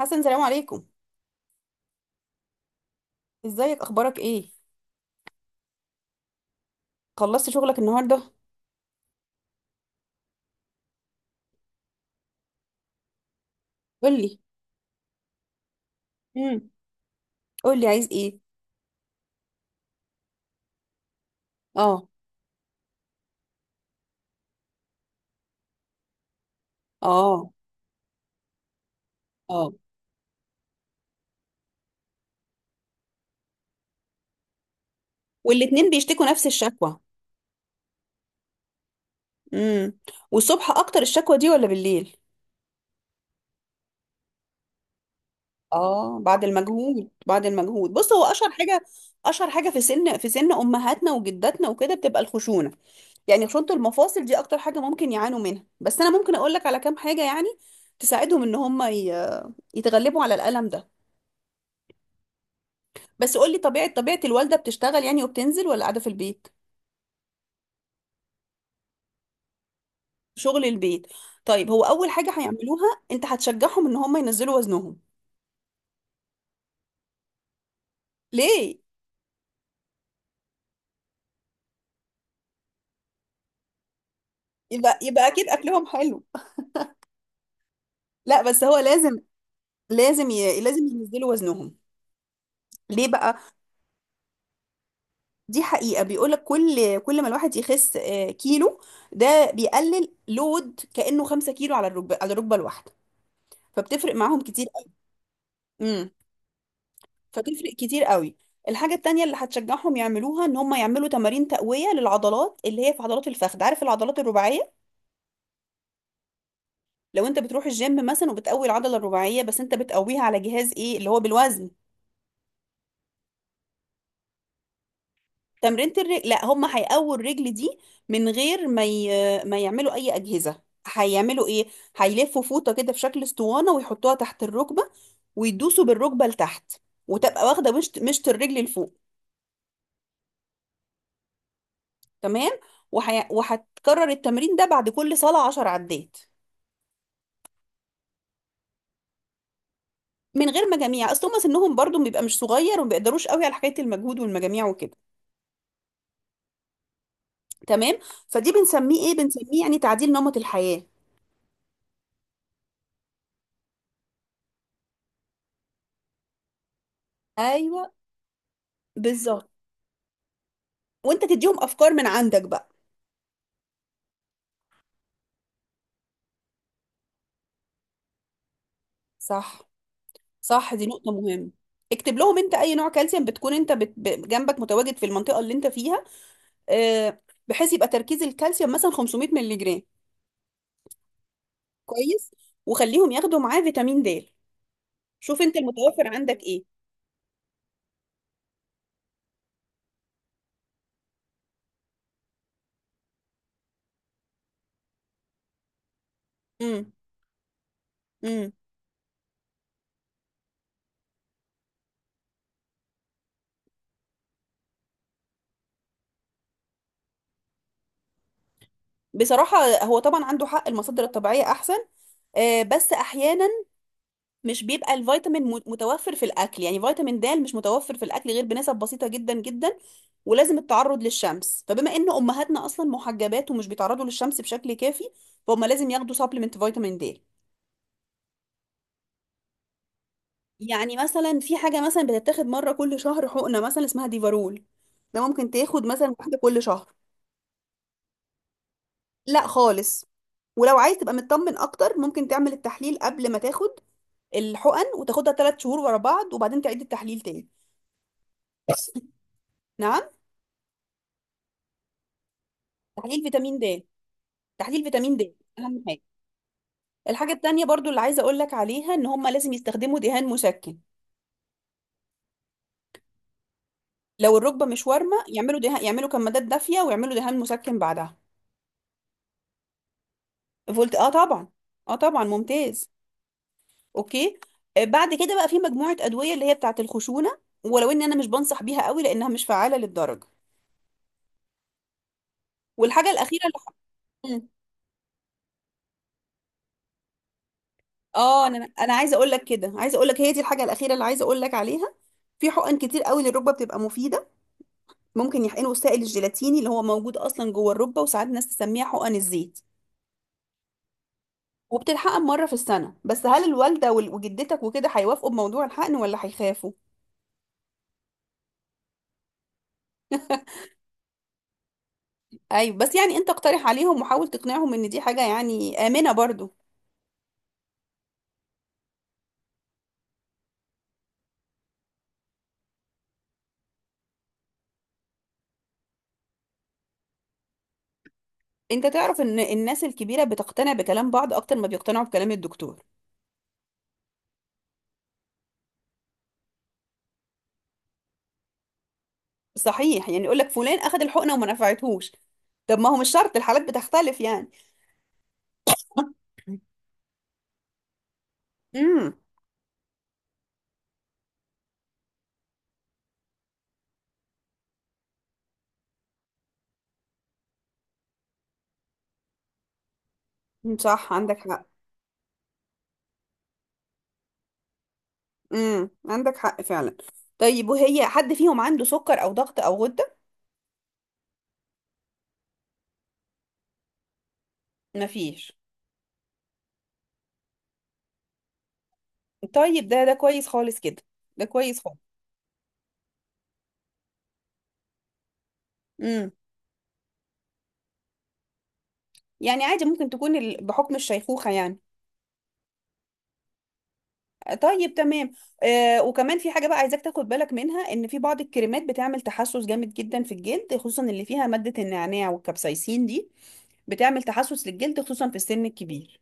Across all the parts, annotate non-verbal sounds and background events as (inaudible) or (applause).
حسن، سلام عليكم. ازيك؟ اخبارك ايه؟ خلصت شغلك النهارده؟ قولي. امم قولي عايز ايه؟ اه. اه. اه. والاتنين بيشتكوا نفس الشكوى؟ امم. والصبح اكتر الشكوى دي ولا بالليل؟ اه، بعد المجهود بعد المجهود. بص، هو اشهر حاجه في سن في سن امهاتنا وجداتنا وكده بتبقى الخشونه. يعني خشونه المفاصل دي اكتر حاجه ممكن يعانوا منها، بس انا ممكن اقول لك على كام حاجه يعني تساعدهم ان هم يتغلبوا على الالم ده. بس قولي، طبيعة الوالدة بتشتغل يعني وبتنزل ولا قاعدة في البيت؟ شغل البيت. طيب، هو أول حاجة هيعملوها أنت هتشجعهم إن هم ينزلوا وزنهم. ليه؟ يبقى أكيد أكلهم حلو. لا بس هو لازم. لازم ينزلوا وزنهم. ليه بقى؟ دي حقيقة، بيقولك كل ما الواحد يخس كيلو، ده بيقلل لود كأنه 5 كيلو على الركبة، على الركبة الواحدة، فبتفرق معاهم كتير قوي. فتفرق كتير قوي. الحاجة التانية اللي هتشجعهم يعملوها ان هم يعملوا تمارين تقوية للعضلات اللي هي في عضلات الفخذ. عارف العضلات الرباعية؟ لو انت بتروح الجيم مثلا وبتقوي العضلة الرباعية، بس انت بتقويها على جهاز ايه اللي هو بالوزن؟ تمرينة الرجل، لا هم هيقووا الرجل دي من غير ما يعملوا اي أجهزة. هيعملوا ايه؟ هيلفوا فوطة كده في شكل اسطوانة ويحطوها تحت الركبة، ويدوسوا بالركبة لتحت، وتبقى واخدة مشط الرجل لفوق. تمام. وهتكرر التمرين ده بعد كل صلاة 10 عدات. من غير مجاميع، اصل هم سنهم برضو بيبقى مش صغير وما بيقدروش قوي على حكايه المجهود والمجاميع وكده. تمام. فدي بنسميه ايه؟ بنسميه يعني تعديل نمط الحياه. ايوه. بالظبط. وانت تديهم افكار من عندك بقى. صح. صح، دي نقطه مهمه. اكتب لهم انت اي نوع كالسيوم بتكون انت جنبك متواجد في المنطقه اللي انت فيها. آه، بحيث يبقى تركيز الكالسيوم مثلا 500 مللي جرام. كويس. وخليهم ياخدوا معاه فيتامين د. شوف انت المتوفر عندك ايه. امم. امم. بصراحة هو طبعا عنده حق، المصادر الطبيعية أحسن. بس أحيانا مش بيبقى الفيتامين متوفر في الأكل. يعني فيتامين د مش متوفر في الأكل غير بنسب بسيطة جدا جدا، ولازم التعرض للشمس، فبما إن أمهاتنا أصلا محجبات ومش بيتعرضوا للشمس بشكل كافي، فهم لازم ياخدوا سبلمنت فيتامين د. يعني مثلا في حاجة مثلا بتتاخد مرة كل شهر حقنة مثلا اسمها ديفارول. ده ممكن تاخد مثلا واحدة كل شهر. لا خالص. ولو عايز تبقى مطمن اكتر ممكن تعمل التحليل قبل ما تاخد الحقن، وتاخدها 3 شهور ورا بعض، وبعدين تعيد التحليل تاني. (laughs) نعم؟ تحليل فيتامين د. تحليل فيتامين د. اهم حاجه. الحاجه التانيه برضو اللي عايزه اقول لك عليها ان هم لازم يستخدموا دهان مسكن. لو الركبه مش وارمه، يعملوا دهان، يعملوا كمادات دافيه ويعملوا دهان مسكن بعدها. فقلت اه طبعا. اه طبعا ممتاز. اوكي. بعد كده بقى في مجموعه ادويه اللي هي بتاعه الخشونه، ولو ان انا مش بنصح بيها قوي لانها مش فعاله للدرجه. والحاجه الاخيره اللي اه انا عايزه اقول لك كده، عايزه اقول لك هي دي الحاجه الاخيره اللي عايزه اقول لك عليها. في حقن كتير قوي للركبه بتبقى مفيده. ممكن يحقنوا السائل الجيلاتيني اللي هو موجود اصلا جوه الركبه، وساعات ناس تسميها حقن الزيت، وبتتحقن مره في السنه. بس هل الوالده وجدتك وكده هيوافقوا بموضوع الحقن ولا هيخافوا؟ ايوه، بس يعني انت اقترح عليهم وحاول تقنعهم ان دي حاجه يعني امنه برضو. انت تعرف ان الناس الكبيره بتقتنع بكلام بعض اكتر ما بيقتنعوا بكلام الدكتور. صحيح يعني، يقول لك فلان اخذ الحقنه وما نفعتهوش. طب ما هو مش شرط، الحالات بتختلف يعني. امم. صح، عندك حق. امم، عندك حق فعلا. طيب وهي حد فيهم عنده سكر او ضغط او غدة؟ مفيش. طيب، ده كويس خالص كده. ده كويس خالص. امم. يعني عادي، ممكن تكون بحكم الشيخوخة يعني. طيب تمام. آه، وكمان في حاجة بقى عايزاك تاخد بالك منها، ان في بعض الكريمات بتعمل تحسس جامد جدا في الجلد، خصوصا اللي فيها مادة النعناع والكابسايسين. دي بتعمل تحسس للجلد خصوصا في السن الكبير.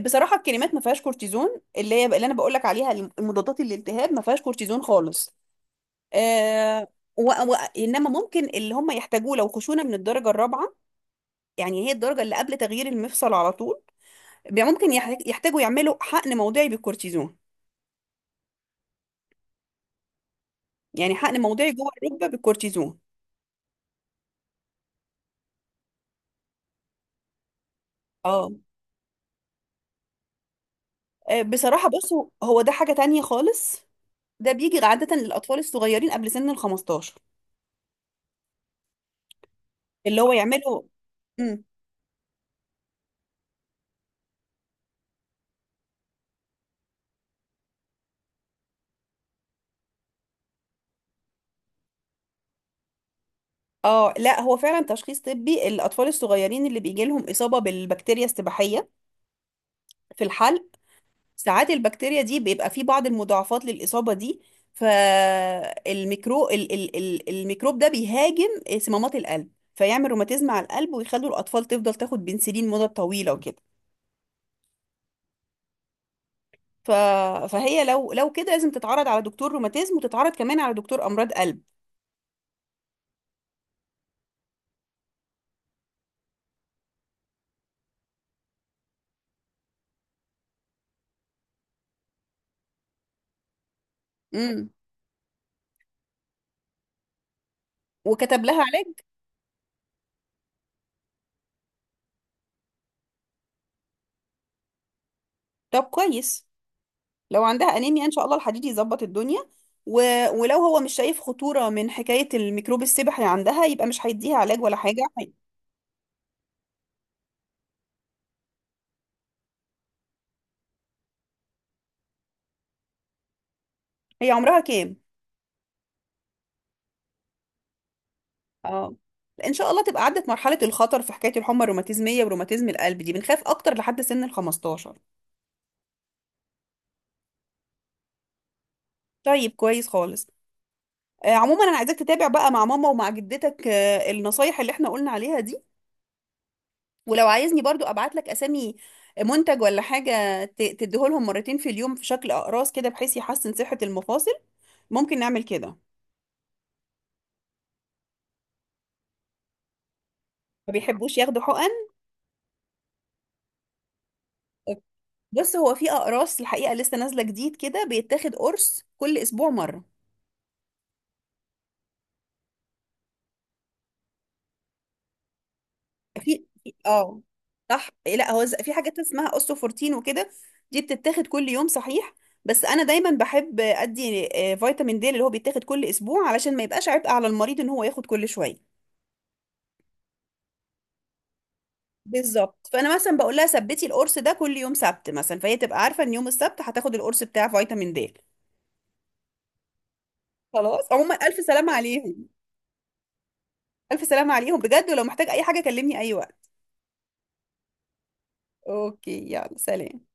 بصراحه الكريمات ما فيهاش كورتيزون اللي هي اللي انا بقول لك عليها. المضادات للالتهاب ما فيهاش كورتيزون خالص. آه. انما ممكن اللي هم يحتاجوه لو خشونه من الدرجه الرابعه، يعني هي الدرجه اللي قبل تغيير المفصل على طول، ممكن يحتاجوا يعملوا حقن موضعي بالكورتيزون. يعني حقن موضعي جوه الركبه بالكورتيزون. اه. بصراحه بصوا، هو ده حاجه تانية خالص. ده بيجي عاده للاطفال الصغيرين قبل سن ال 15. اللي هو يعملوا. إمم. اه لا هو فعلا تشخيص طبي. الاطفال الصغيرين اللي بيجي لهم اصابه بالبكتيريا السباحيه في الحلق، ساعات البكتيريا دي بيبقى في بعض المضاعفات للاصابه دي. فالميكرو ال ال ال الميكروب ده بيهاجم صمامات القلب فيعمل روماتيزم على القلب، ويخلوا الاطفال تفضل تاخد بنسلين مده طويله وكده. ف... فهي لو كده لازم تتعرض على دكتور روماتيزم وتتعرض كمان على دكتور امراض قلب. امم. وكتب لها علاج. طب كويس. لو عندها انيميا ان شاء الله الحديد يظبط الدنيا. و... ولو هو مش شايف خطورة من حكاية الميكروب السبحي عندها يبقى مش هيديها علاج ولا حاجة هي. هي عمرها كام؟ اه. ان شاء الله تبقى عدت مرحلة الخطر. في حكاية الحمى الروماتيزمية وروماتيزم القلب دي بنخاف اكتر لحد سن ال 15. طيب كويس خالص. آه، عموما انا عايزاك تتابع بقى مع ماما ومع جدتك، النصايح اللي احنا قلنا عليها دي. ولو عايزني برضو ابعت لك اسامي منتج ولا حاجة تديهولهم مرتين في اليوم في شكل اقراص كده بحيث يحسن صحة المفاصل. ممكن نعمل كده. ما بيحبوش ياخدوا حقن. بص، هو في اقراص الحقيقة لسه نازلة جديد كده، بيتاخد قرص كل اسبوع مرة. اه صح. لا هو في حاجات اسمها اوستوفورتين وكده. دي بتتاخد كل يوم صحيح، بس انا دايما بحب ادي فيتامين د اللي هو بيتاخد كل اسبوع علشان ما يبقاش عبء على المريض ان هو ياخد كل شوية. بالظبط. فانا مثلا بقول لها ثبتي القرص ده كل يوم سبت مثلا، فهي تبقى عارفه ان يوم السبت هتاخد القرص بتاع فيتامين د. خلاص. عموما الف سلامه عليهم. الف سلامه عليهم بجد، ولو محتاج اي حاجه كلمني اي وقت. اوكي. يلا سلام.